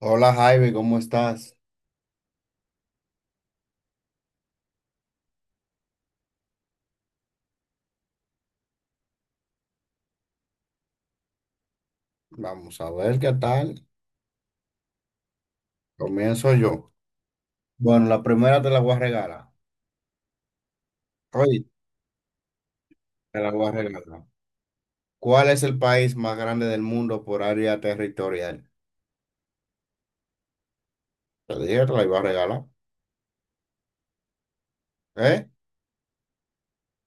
Hola Jaime, ¿cómo estás? Vamos a ver qué tal. Comienzo yo. Bueno, la primera te la voy a regalar. Oye, te la voy a regalar. ¿Cuál es el país más grande del mundo por área territorial? Te dije, te la iba a regalar. ¿Eh?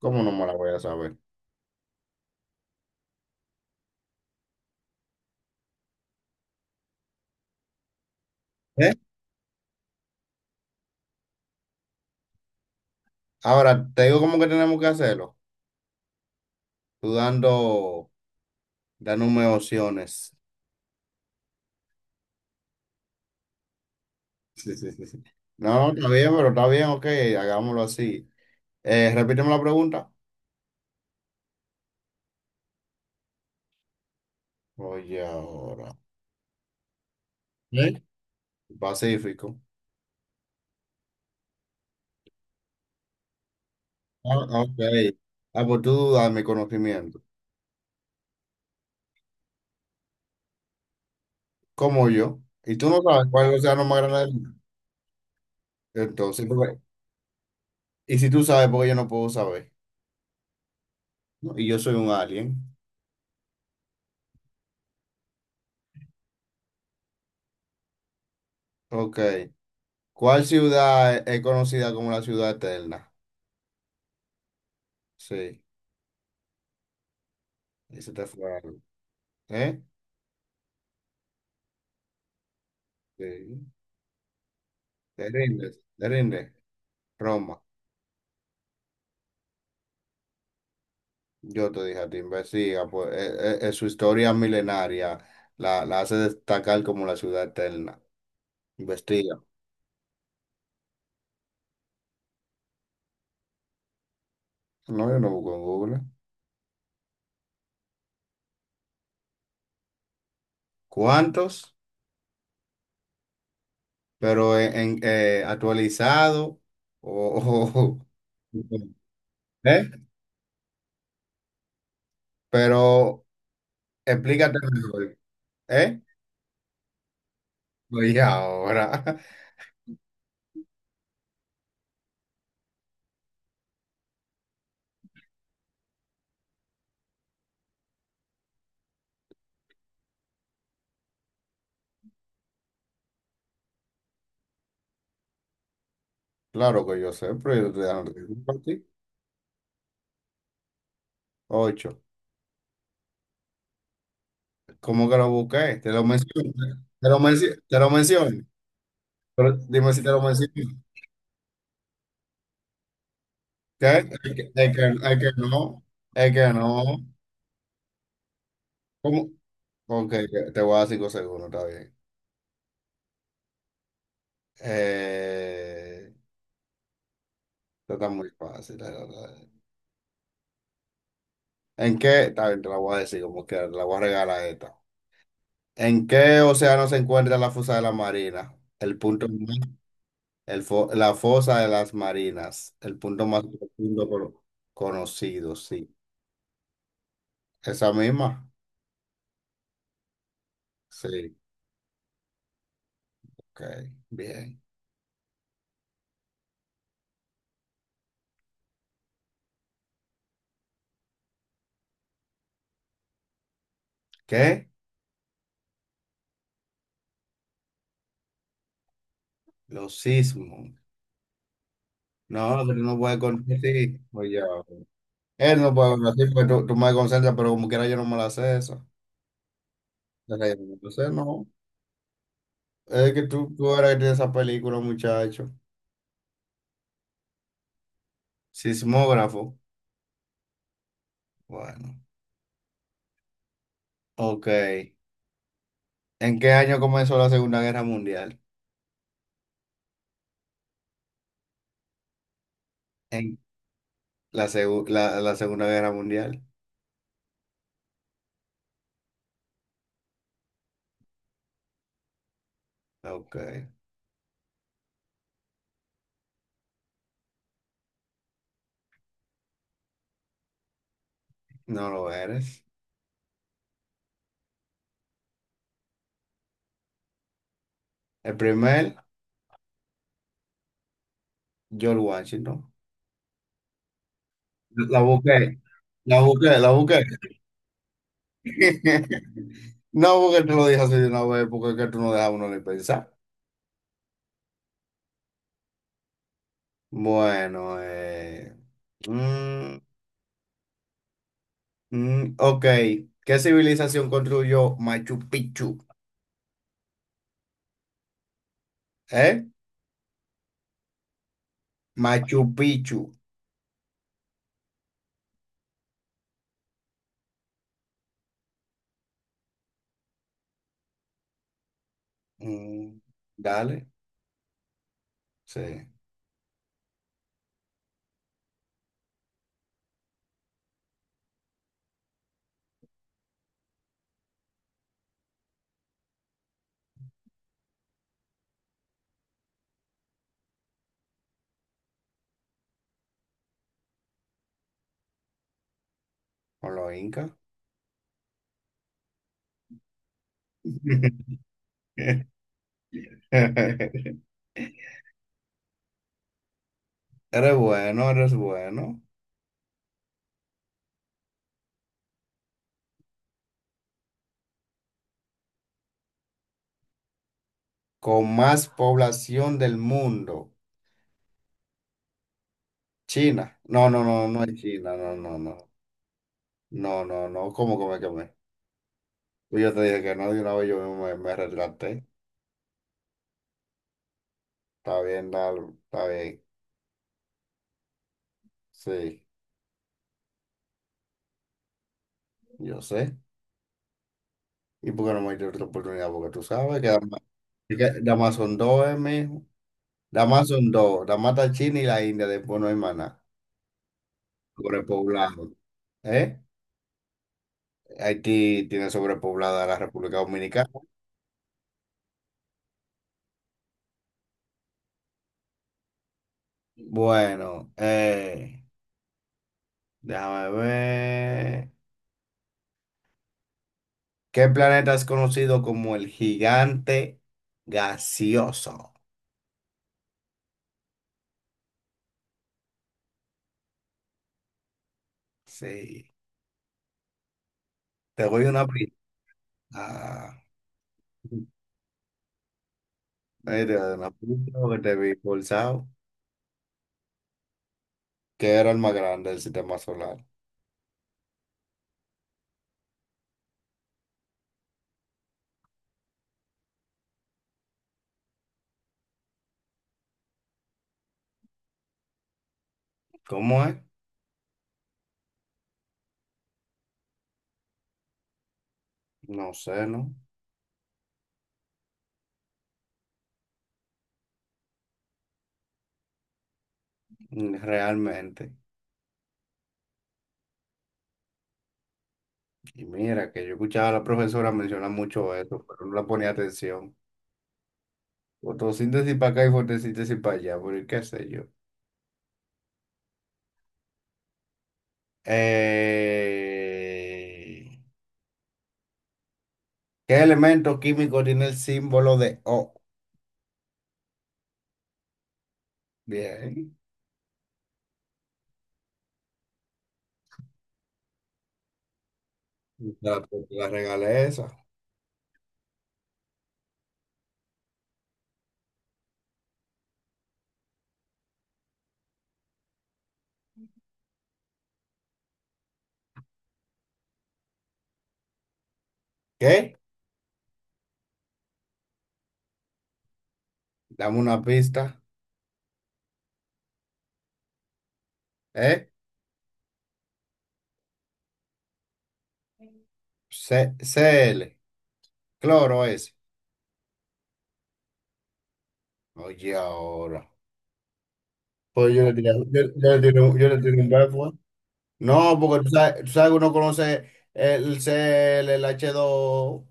¿Cómo no me la voy a saber? ¿Eh? Ahora, te digo cómo que tenemos que hacerlo. Tú dándome opciones. Sí, sí, sí, sí. No, está bien, pero está bien, ok, hagámoslo así. Repíteme la pregunta. Oye, ahora. ¿Eh? Pacífico. Ah, ah, ok. Ah, pues tú dame conocimiento, como yo. Y tú no sabes cuál es el océano más grande del mundo. Entonces, y si tú sabes, porque yo no puedo saber. ¿No? Y yo soy un alien. Ok. ¿Cuál ciudad es conocida como la ciudad eterna? Sí, ese te fue algo. ¿Eh? Sí. Te rindes, te rindes. Roma. Yo te dije a ti, investiga, pues su historia milenaria la hace destacar como la ciudad eterna. Investiga. No, yo no busco en Google. Cuántos, pero actualizado o, o- ¿Eh? Pero explícate mejor, ¿eh? Oye, ahora, claro que yo sé, pero yo te dando tiempo ti. Ocho. ¿Cómo que lo busqué? Te lo menciono. Te lo menciono. Te lo menciono. Pero dime si te lo menciono. ¿Qué? Es que no. Es que no. ¿Cómo? Ok, te voy a dar cinco segundos, está bien. Eh, Esto está muy fácil. ¿En qué? Está bien, te la voy a decir como que la voy a regalar esta. ¿En qué océano se encuentra la fosa de la marina? El punto más, la fosa de las marinas, el punto más profundo conocido, sí. ¿Esa misma? Sí, ok, bien. ¿Qué? Los sismos. No, pero no puede conocer, sí. Oye, él no puede conocer, porque tú me concentras, pero como quiera yo no me la sé eso. Entonces, no. Es que tú eres que tienes esa película, muchacho. Sismógrafo. Bueno, ok. ¿En qué año comenzó la Segunda Guerra Mundial? En la Segunda Guerra Mundial. Ok, no lo eres. El primer, George Washington. La busqué, la busqué, la busqué. No, porque tú lo dije así de una vez, porque es que tú no dejas a uno ni pensar. Bueno, mm, ok. ¿Qué civilización construyó Machu Picchu? ¿Eh? Machu Picchu. Mm, Dale, sí, con los incas. Eres bueno, eres bueno. Con más población del mundo. China. No, no, no, no es China, no, no, no. No, no, no. ¿Cómo come que me quemé? Pues yo te dije que no, de una vez yo mismo me retraté. Está bien, dale, está bien. Sí, yo sé. ¿Y por qué no me diste otra oportunidad? Porque tú sabes que que Damas son dos, mijo. Damas son dos. Damas está China y la India, después no hay maná. Sobrepoblado. ¿Eh? Haití tiene sobrepoblada a la República Dominicana. Bueno, déjame ver. ¿Qué planeta es conocido como el gigante gaseoso? Sí. Te voy una pista. Ah, ahí te doy una pista porque te vi forzado. ¿Qué era el más grande del sistema solar? ¿Cómo es? No sé, ¿no? Realmente. Y mira, que yo escuchaba a la profesora mencionar mucho eso, pero no la ponía atención. Fotosíntesis para acá y fotosíntesis para allá, pero qué sé yo. Eh, ¿Qué elemento químico tiene el símbolo de O? Bien, la regalé esa. ¿Qué? Dame una pista. ¿Eh? Cl, cloro ese. Oye, ahora. Pues yo le tiré un verbo. No, porque tú sabes que uno conoce el Cl, el h dos.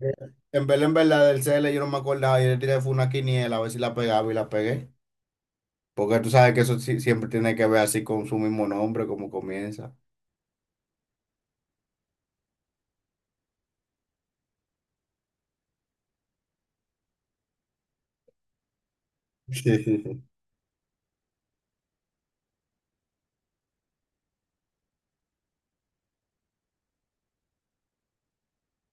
Eh, en verdad, del C. L. yo no me acordaba. Yo le tiré fue una quiniela a ver si la pegaba y la pegué. Porque tú sabes que eso siempre tiene que ver así con su mismo nombre, como comienza.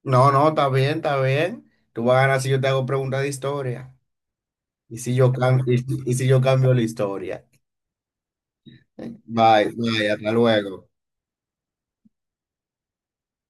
No, no, está bien, está bien. Tú vas a ganar si yo te hago preguntas de historia. Y si yo cambio, y si yo cambio la historia. Bye, bye, hasta luego.